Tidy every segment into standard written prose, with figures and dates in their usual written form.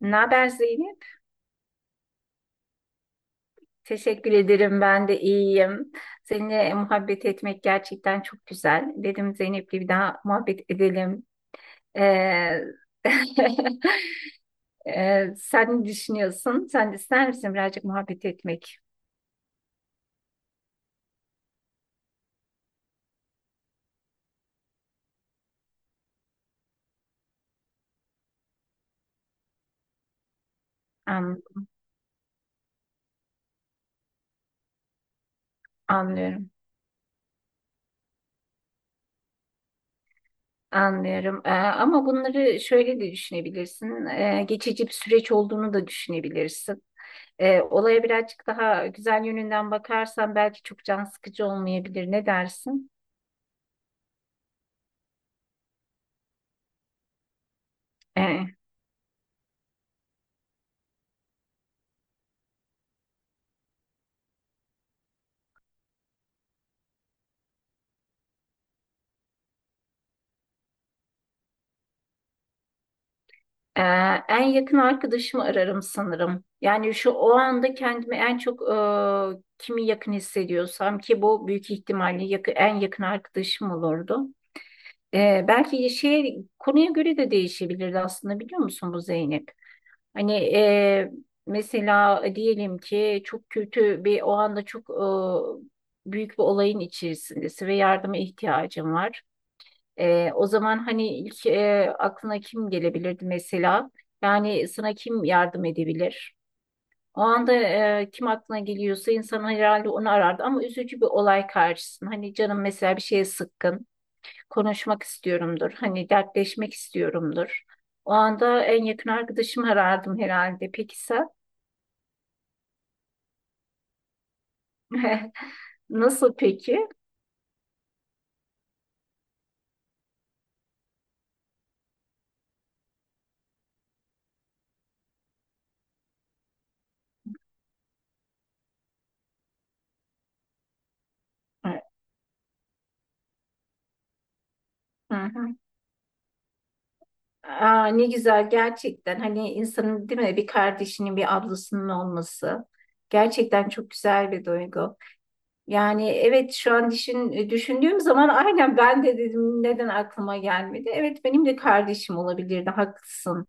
Ne haber Zeynep? Teşekkür ederim. Ben de iyiyim. Seninle muhabbet etmek gerçekten çok güzel. Dedim Zeynep'le bir daha muhabbet edelim. Ee, sen ne düşünüyorsun? Sen de ister misin birazcık muhabbet etmek? An- Anlıyorum. Anlıyorum. Ama bunları şöyle de düşünebilirsin. Geçici bir süreç olduğunu da düşünebilirsin. Olaya birazcık daha güzel yönünden bakarsan belki çok can sıkıcı olmayabilir. Ne dersin? Ee, Ee, En yakın arkadaşımı ararım sanırım. Yani şu o anda kendimi en çok kimi yakın hissediyorsam ki bu büyük ihtimalle en yakın arkadaşım olurdu. Belki şey konuya göre de değişebilirdi aslında, biliyor musun bu Zeynep? Hani mesela diyelim ki çok kötü bir o anda çok büyük bir olayın içerisindesin ve yardıma ihtiyacın var. O zaman hani ilk aklına kim gelebilirdi mesela? Yani sana kim yardım edebilir? O anda kim aklına geliyorsa insan herhalde onu arardı, ama üzücü bir olay karşısında. Hani canım mesela bir şeye sıkkın, konuşmak istiyorumdur, hani dertleşmek istiyorumdur. O anda en yakın arkadaşımı arardım herhalde. Peki sen? Nasıl peki? Hı hı. Aa, ne güzel gerçekten, hani insanın değil mi bir kardeşinin bir ablasının olması gerçekten çok güzel bir duygu. Yani evet şu an düşündüğüm zaman, aynen ben de dedim neden aklıma gelmedi. Evet benim de kardeşim olabilirdi, haklısın.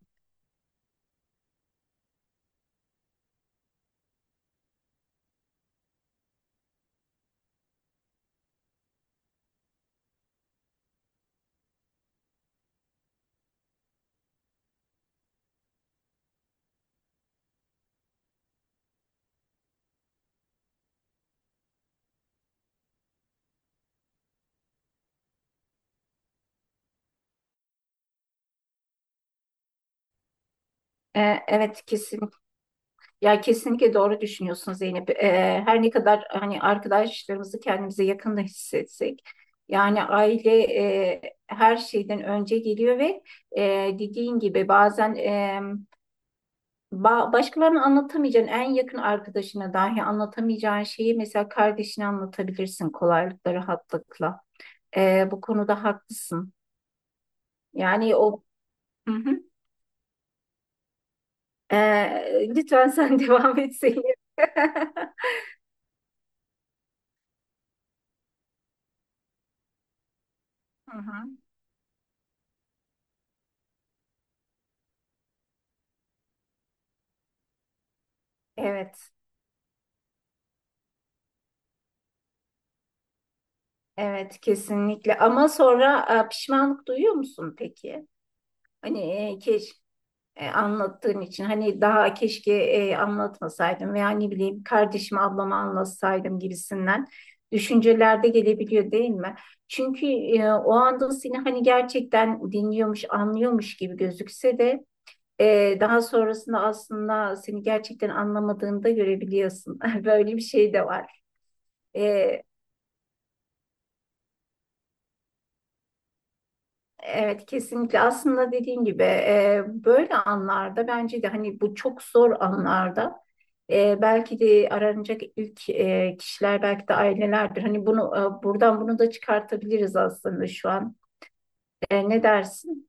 Evet kesin ya, kesinlikle doğru düşünüyorsun Zeynep. Her ne kadar hani arkadaşlarımızı kendimize yakın da hissetsek, yani aile her şeyden önce geliyor ve e, dediğin gibi bazen başkalarına anlatamayacağın, en yakın arkadaşına dahi anlatamayacağın şeyi mesela kardeşine anlatabilirsin kolaylıkla, rahatlıkla. Bu konuda haklısın. Yani o. Hı hı. Lütfen sen devam etseydin. Hı hı. Evet, evet kesinlikle. Ama sonra pişmanlık duyuyor musun peki? Hani keşke anlattığın için, hani daha keşke anlatmasaydım veya ne bileyim kardeşim ablama anlatsaydım gibisinden düşüncelerde gelebiliyor değil mi? Çünkü o anda seni hani gerçekten dinliyormuş, anlıyormuş gibi gözükse de daha sonrasında aslında seni gerçekten anlamadığını da görebiliyorsun. Böyle bir şey de var. E, Evet kesinlikle, aslında dediğin gibi böyle anlarda bence de, hani bu çok zor anlarda belki de aranacak ilk kişiler belki de ailelerdir. Hani bunu buradan bunu da çıkartabiliriz aslında şu an. Ne dersin?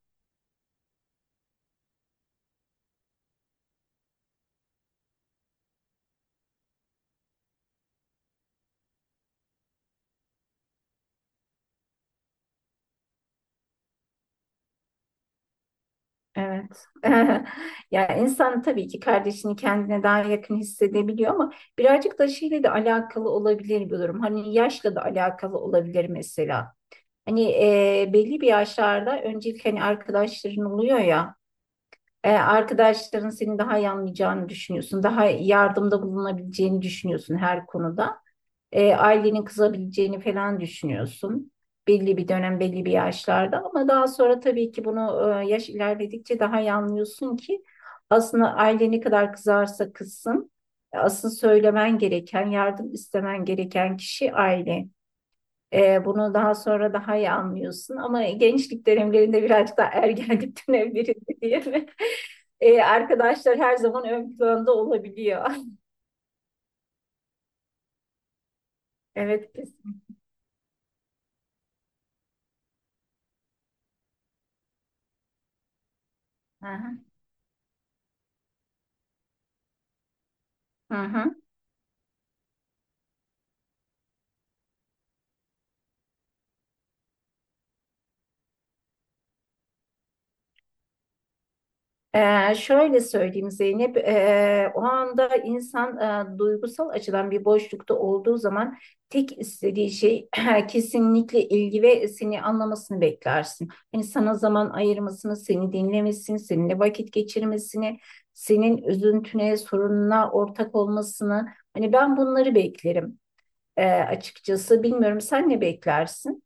Evet. Ya insan tabii ki kardeşini kendine daha yakın hissedebiliyor, ama birazcık da şeyle de alakalı olabilir bir durum. Hani yaşla da alakalı olabilir mesela. Hani belli bir yaşlarda öncelik hani arkadaşların oluyor ya, arkadaşların seni daha iyi anlayacağını düşünüyorsun. Daha yardımda bulunabileceğini düşünüyorsun her konuda. Ailenin kızabileceğini falan düşünüyorsun. Belli bir dönem, belli bir yaşlarda, ama daha sonra tabii ki bunu yaş ilerledikçe daha iyi anlıyorsun ki aslında aile ne kadar kızarsa kızsın, asıl söylemen gereken, yardım istemen gereken kişi aile. Bunu daha sonra daha iyi anlıyorsun ama gençlik dönemlerinde, birazcık daha ergenlik dönemlerinde diye mi? Arkadaşlar her zaman ön planda olabiliyor. Evet kesin. Hı hı. Hı hı. Şöyle söyleyeyim Zeynep, o anda insan duygusal açıdan bir boşlukta olduğu zaman tek istediği şey kesinlikle ilgi ve seni anlamasını beklersin. Hani sana zaman ayırmasını, seni dinlemesini, seninle vakit geçirmesini, senin üzüntüne, sorununa ortak olmasını. Hani ben bunları beklerim açıkçası. Bilmiyorum, sen ne beklersin?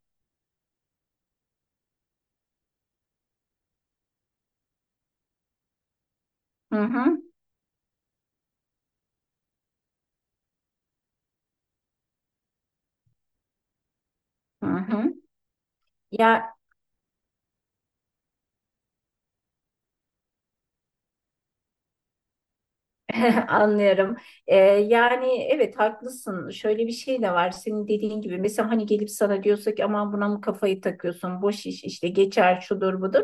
Hı hı, hı hı. Ya, anlıyorum. Yani evet haklısın. Şöyle bir şey de var. Senin dediğin gibi mesela hani gelip sana diyorsak ki aman buna mı kafayı takıyorsun? Boş iş işte, geçer, şudur budur.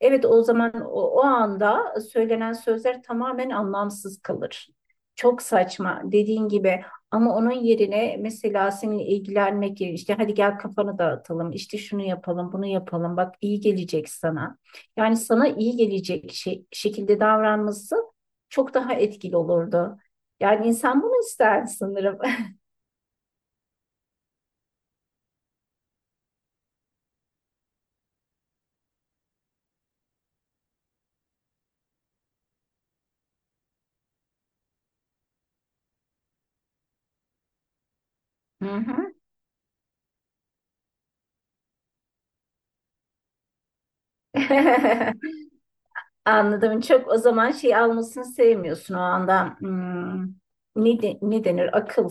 Evet, o zaman o anda söylenen sözler tamamen anlamsız kalır. Çok saçma dediğin gibi, ama onun yerine mesela seninle ilgilenmek yerine işte hadi gel kafanı dağıtalım, işte şunu yapalım bunu yapalım, bak iyi gelecek sana. Yani sana iyi gelecek şekilde davranması çok daha etkili olurdu. Yani insan bunu ister sanırım. Hı hı. Anladım. Çok o zaman şey almasını sevmiyorsun o anda. Hmm, ne denir? Akıl.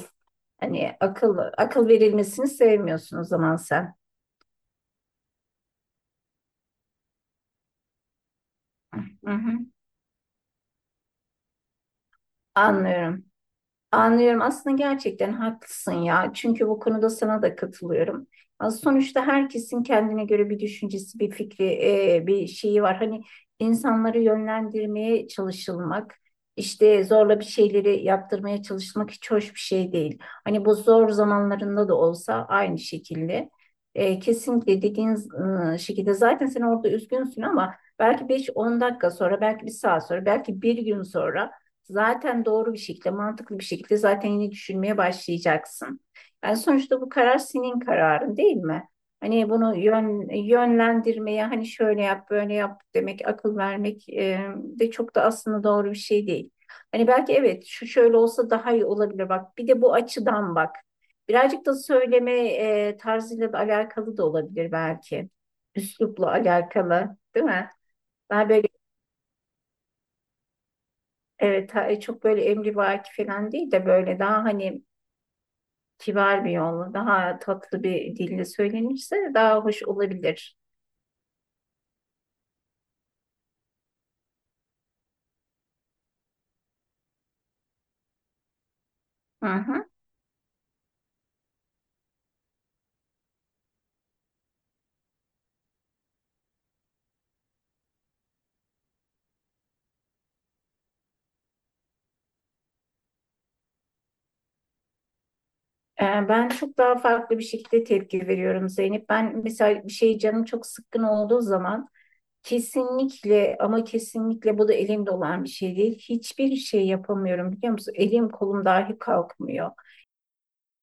Hani akıl verilmesini sevmiyorsun o zaman sen. Hı hı. Anlıyorum. Anlıyorum. Aslında gerçekten haklısın ya. Çünkü bu konuda sana da katılıyorum. Az sonuçta herkesin kendine göre bir düşüncesi, bir fikri, bir şeyi var. Hani insanları yönlendirmeye çalışılmak, işte zorla bir şeyleri yaptırmaya çalışmak hiç hoş bir şey değil. Hani bu zor zamanlarında da olsa aynı şekilde. Kesinlikle dediğin şekilde, zaten sen orada üzgünsün ama belki 5-10 dakika sonra, belki bir saat sonra, belki bir gün sonra zaten doğru bir şekilde, mantıklı bir şekilde zaten yine düşünmeye başlayacaksın. Yani sonuçta bu karar senin kararın değil mi? Hani bunu yönlendirmeye, hani şöyle yap, böyle yap demek, akıl vermek de çok da aslında doğru bir şey değil. Hani belki evet şu şöyle olsa daha iyi olabilir bak. Bir de bu açıdan bak. Birazcık da söyleme tarzıyla da alakalı da olabilir belki. Üslupla alakalı, değil mi? Daha böyle. Evet, çok böyle emrivaki falan değil de böyle daha hani kibar bir yolla, daha tatlı bir dille söylenirse daha hoş olabilir. Hı hı. Ben çok daha farklı bir şekilde tepki veriyorum Zeynep. Ben mesela bir şey canım çok sıkkın olduğu zaman kesinlikle, ama kesinlikle bu da elimde olan bir şey değil. Hiçbir şey yapamıyorum, biliyor musun? Elim kolum dahi kalkmıyor.